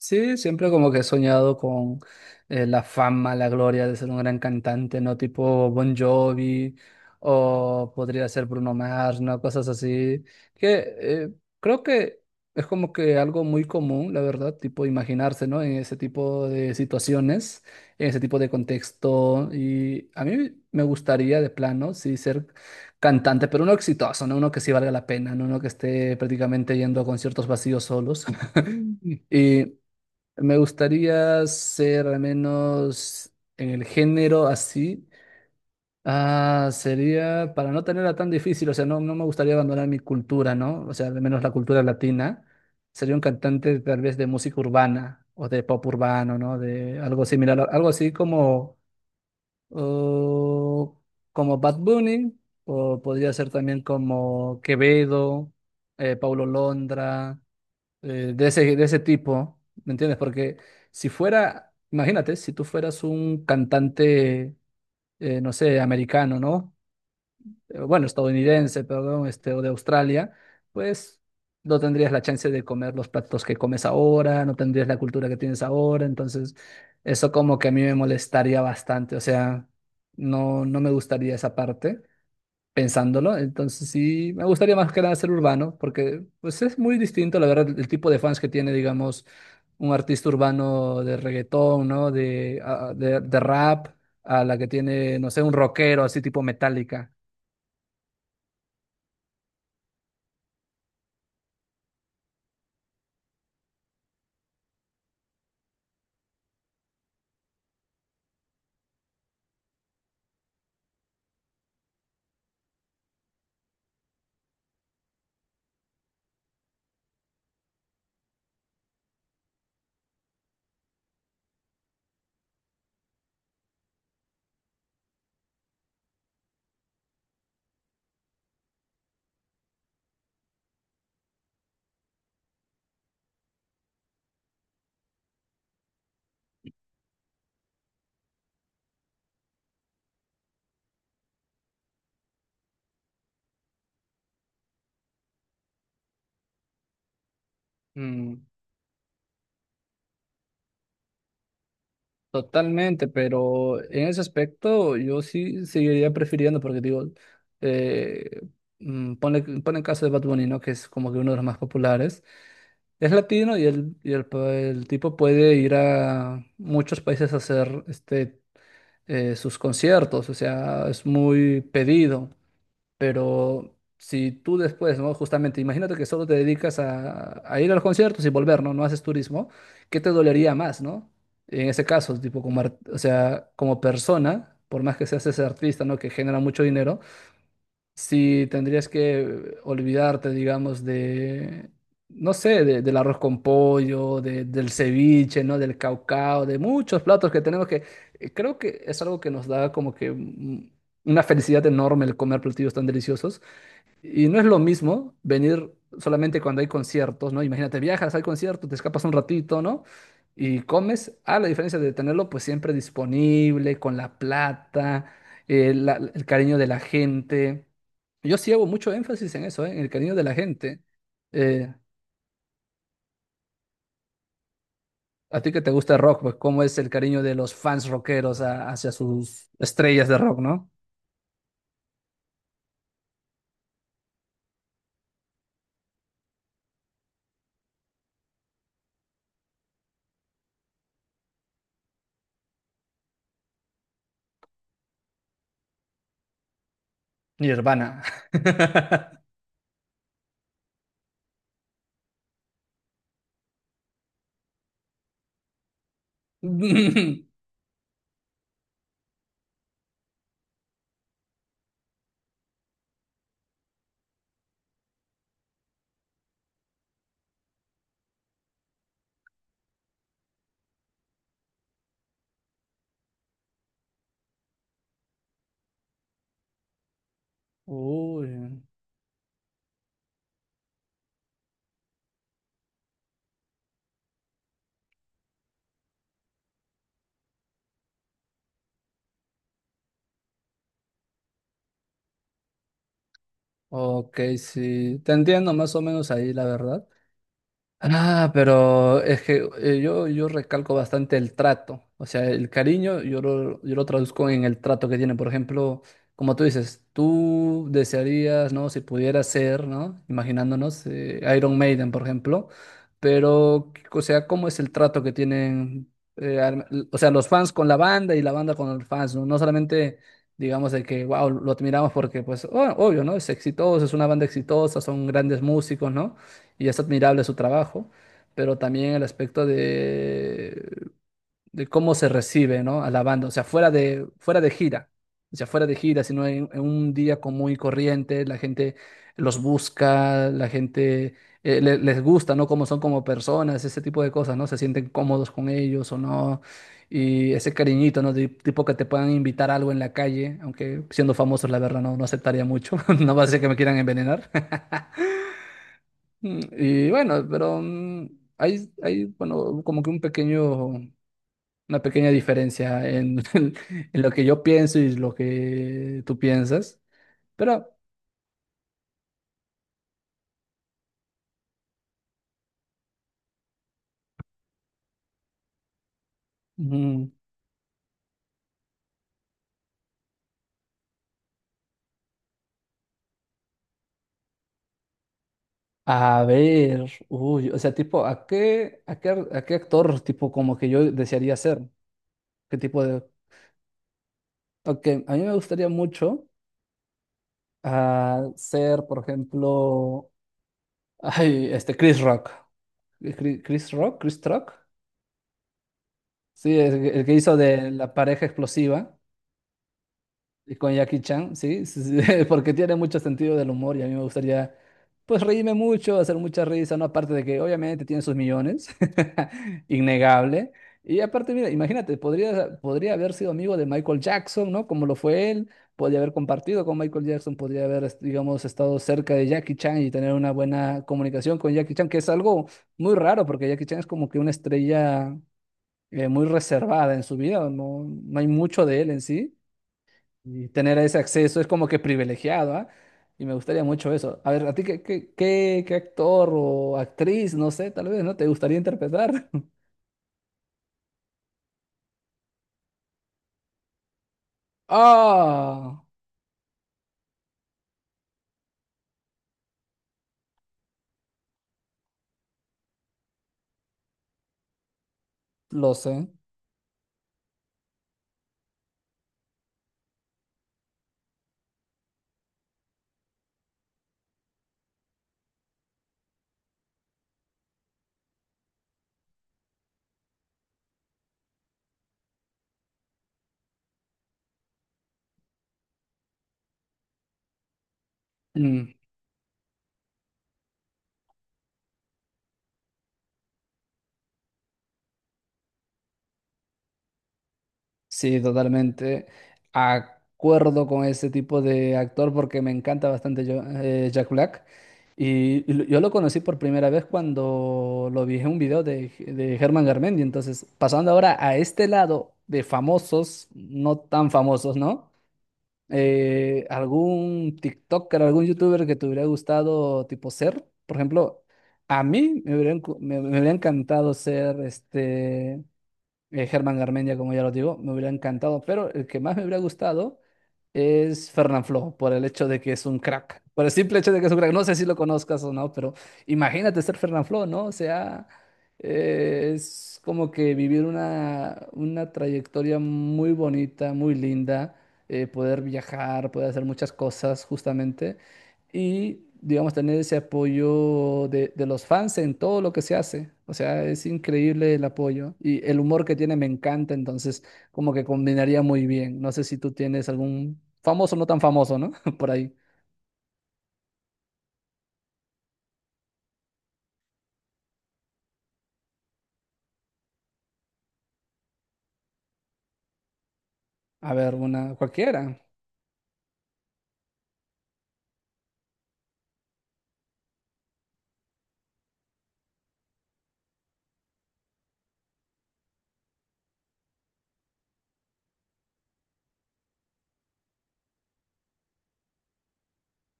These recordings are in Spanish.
Sí, siempre como que he soñado con la fama, la gloria de ser un gran cantante, ¿no? Tipo Bon Jovi o podría ser Bruno Mars, ¿no? Cosas así. Que Creo que es como que algo muy común, la verdad, tipo imaginarse, ¿no? En ese tipo de situaciones, en ese tipo de contexto. Y a mí me gustaría de plano, sí, ser cantante, pero uno exitoso, ¿no? Uno que sí valga la pena, ¿no? Uno que esté prácticamente yendo a conciertos vacíos solos. Y me gustaría ser al menos en el género así. Ah, sería para no tenerla tan difícil, o sea, no, no me gustaría abandonar mi cultura, ¿no? O sea, al menos la cultura latina. Sería un cantante tal vez de música urbana o de pop urbano, ¿no? De algo similar, algo así como, oh, como Bad Bunny, o podría ser también como Quevedo, Paulo Londra, de ese tipo, ¿me entiendes? Porque si fuera, imagínate, si tú fueras un cantante, no sé, americano, ¿no? Bueno, estadounidense, perdón, este, o de Australia, pues no tendrías la chance de comer los platos que comes ahora, no tendrías la cultura que tienes ahora, entonces eso como que a mí me molestaría bastante, o sea, no, no me gustaría esa parte pensándolo. Entonces sí, me gustaría más que nada ser urbano, porque pues es muy distinto, la verdad, el tipo de fans que tiene, digamos, un artista urbano de reggaetón, ¿no? De, ah, de rap, a la que tiene, no sé, un rockero así tipo Metallica. Mm, totalmente, pero en ese aspecto yo sí seguiría prefiriendo, porque digo, eh, ponle el caso de Bad Bunny, ¿no? Que es como que uno de los más populares. Es latino el tipo puede ir a muchos países a hacer este, sus conciertos, o sea, es muy pedido, pero si tú después, ¿no? Justamente, imagínate que solo te dedicas a ir a los conciertos y volver, ¿no? No haces turismo, ¿qué te dolería más, ¿no? En ese caso, tipo, como, o sea, como persona, por más que seas ese artista, ¿no? Que genera mucho dinero si tendrías que olvidarte, digamos, de, no sé, del arroz con pollo, del ceviche, ¿no? Del caucao, de muchos platos que tenemos que, creo que es algo que nos da como que una felicidad enorme el comer platillos tan deliciosos. Y no es lo mismo venir solamente cuando hay conciertos, ¿no? Imagínate, viajas al concierto, te escapas un ratito, ¿no? Y comes, a la diferencia de tenerlo pues siempre disponible, con la plata, el cariño de la gente. Yo sí hago mucho énfasis en eso, ¿eh? En el cariño de la gente. Eh, a ti que te gusta el rock, pues cómo es el cariño de los fans rockeros hacia sus estrellas de rock, ¿no? Nirvana. Uy. Ok, sí, te entiendo más o menos ahí, la verdad. Ah, pero es que yo, yo recalco bastante el trato, o sea, el cariño yo lo traduzco en el trato que tiene, por ejemplo, como tú dices, tú desearías, ¿no? Si pudiera ser, ¿no? Imaginándonos Iron Maiden, por ejemplo, pero, o sea, ¿cómo es el trato que tienen, o sea, los fans con la banda y la banda con los fans, ¿no? No solamente, digamos, de que, wow, lo admiramos porque, pues, obvio, ¿no? Es exitoso, es una banda exitosa, son grandes músicos, ¿no? Y es admirable su trabajo, pero también el aspecto de cómo se recibe, ¿no? A la banda, o sea, fuera de gira, o sea, fuera de gira, sino en un día común y corriente, la gente los busca, la gente les gusta, ¿no? Cómo son como personas, ese tipo de cosas, ¿no? Se sienten cómodos con ellos o no. Y ese cariñito, ¿no? De, tipo que te puedan invitar algo en la calle, aunque siendo famosos, la verdad, no, no aceptaría mucho. No va a ser que me quieran envenenar. Mm, y bueno, pero bueno, como que un pequeño, una pequeña diferencia en, en lo que yo pienso y lo que tú piensas. Pero, mm, a ver, uy, o sea, tipo, ¿a qué actor, tipo, como que yo desearía ser? ¿Qué tipo de...? Ok, a mí me gustaría mucho ser, por ejemplo, ay, este, Chris Rock. Chris Rock. Sí, el que hizo de la pareja explosiva. Y con Jackie Chan, sí, sí, sí, porque tiene mucho sentido del humor y a mí me gustaría, pues, reírme mucho, hacer mucha risa, ¿no? Aparte de que obviamente tiene sus millones, innegable. Y aparte, mira, imagínate, podría haber sido amigo de Michael Jackson, ¿no? Como lo fue él, podría haber compartido con Michael Jackson, podría haber, digamos, estado cerca de Jackie Chan y tener una buena comunicación con Jackie Chan, que es algo muy raro, porque Jackie Chan es como que una estrella muy reservada en su vida, no, no hay mucho de él en sí. Y tener ese acceso es como que privilegiado, ¿ah? Y me gustaría mucho eso. A ver, ¿a ti qué actor o actriz, no sé, tal vez, ¿no? ¿Te gustaría interpretar? Ah, lo sé. Mm, sí, totalmente. Acuerdo con ese tipo de actor porque me encanta bastante Jack Black. Y, yo lo conocí por primera vez cuando lo vi en un video de Germán Garmendia. Entonces, pasando ahora a este lado de famosos, no tan famosos, ¿no? ¿Algún TikToker, algún YouTuber que te hubiera gustado tipo ser? Por ejemplo, a mí me hubiera, me hubiera encantado ser este Germán Garmendia, como ya lo digo, me hubiera encantado, pero el que más me hubiera gustado es Fernanfloo, por el hecho de que es un crack. Por el simple hecho de que es un crack. No sé si lo conozcas o no, pero imagínate ser Fernanfloo, ¿no? O sea, es como que vivir una trayectoria muy bonita, muy linda, poder viajar, poder hacer muchas cosas justamente y, digamos, tener ese apoyo de los fans en todo lo que se hace. O sea, es increíble el apoyo y el humor que tiene me encanta, entonces como que combinaría muy bien. No sé si tú tienes algún famoso, no tan famoso, ¿no? Por ahí. A ver, una cualquiera.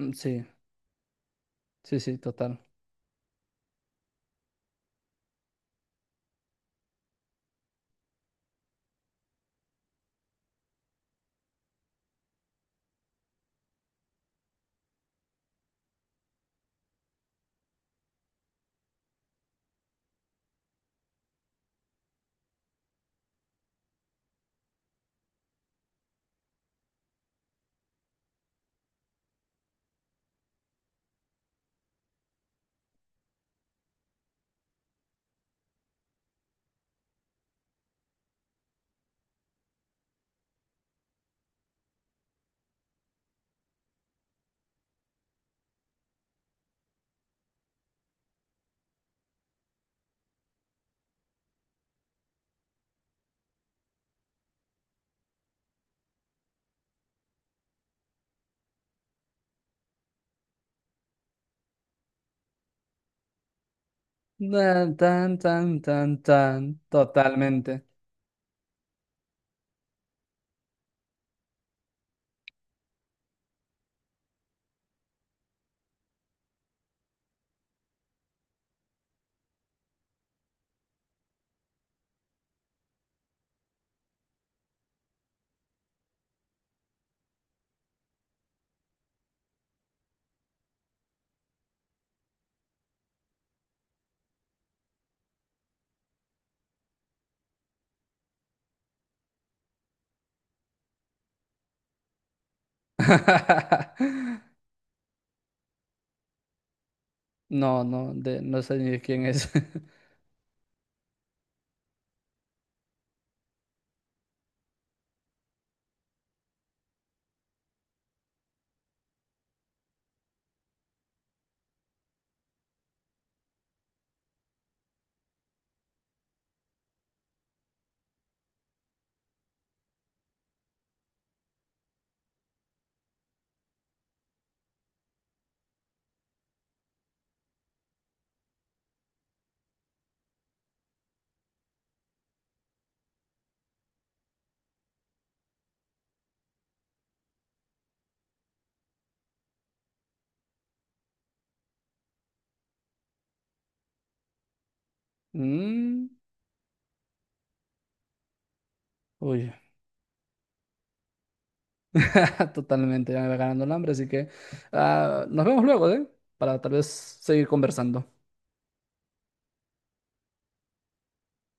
Mm, sí, sí, sí, total. Tan, tan, tan, tan, tan, totalmente. No, no, de, no sé ni quién es. Mm, uy, totalmente, ya me va ganando el hambre, así que ah, nos vemos luego, ¿eh? Para tal vez seguir conversando.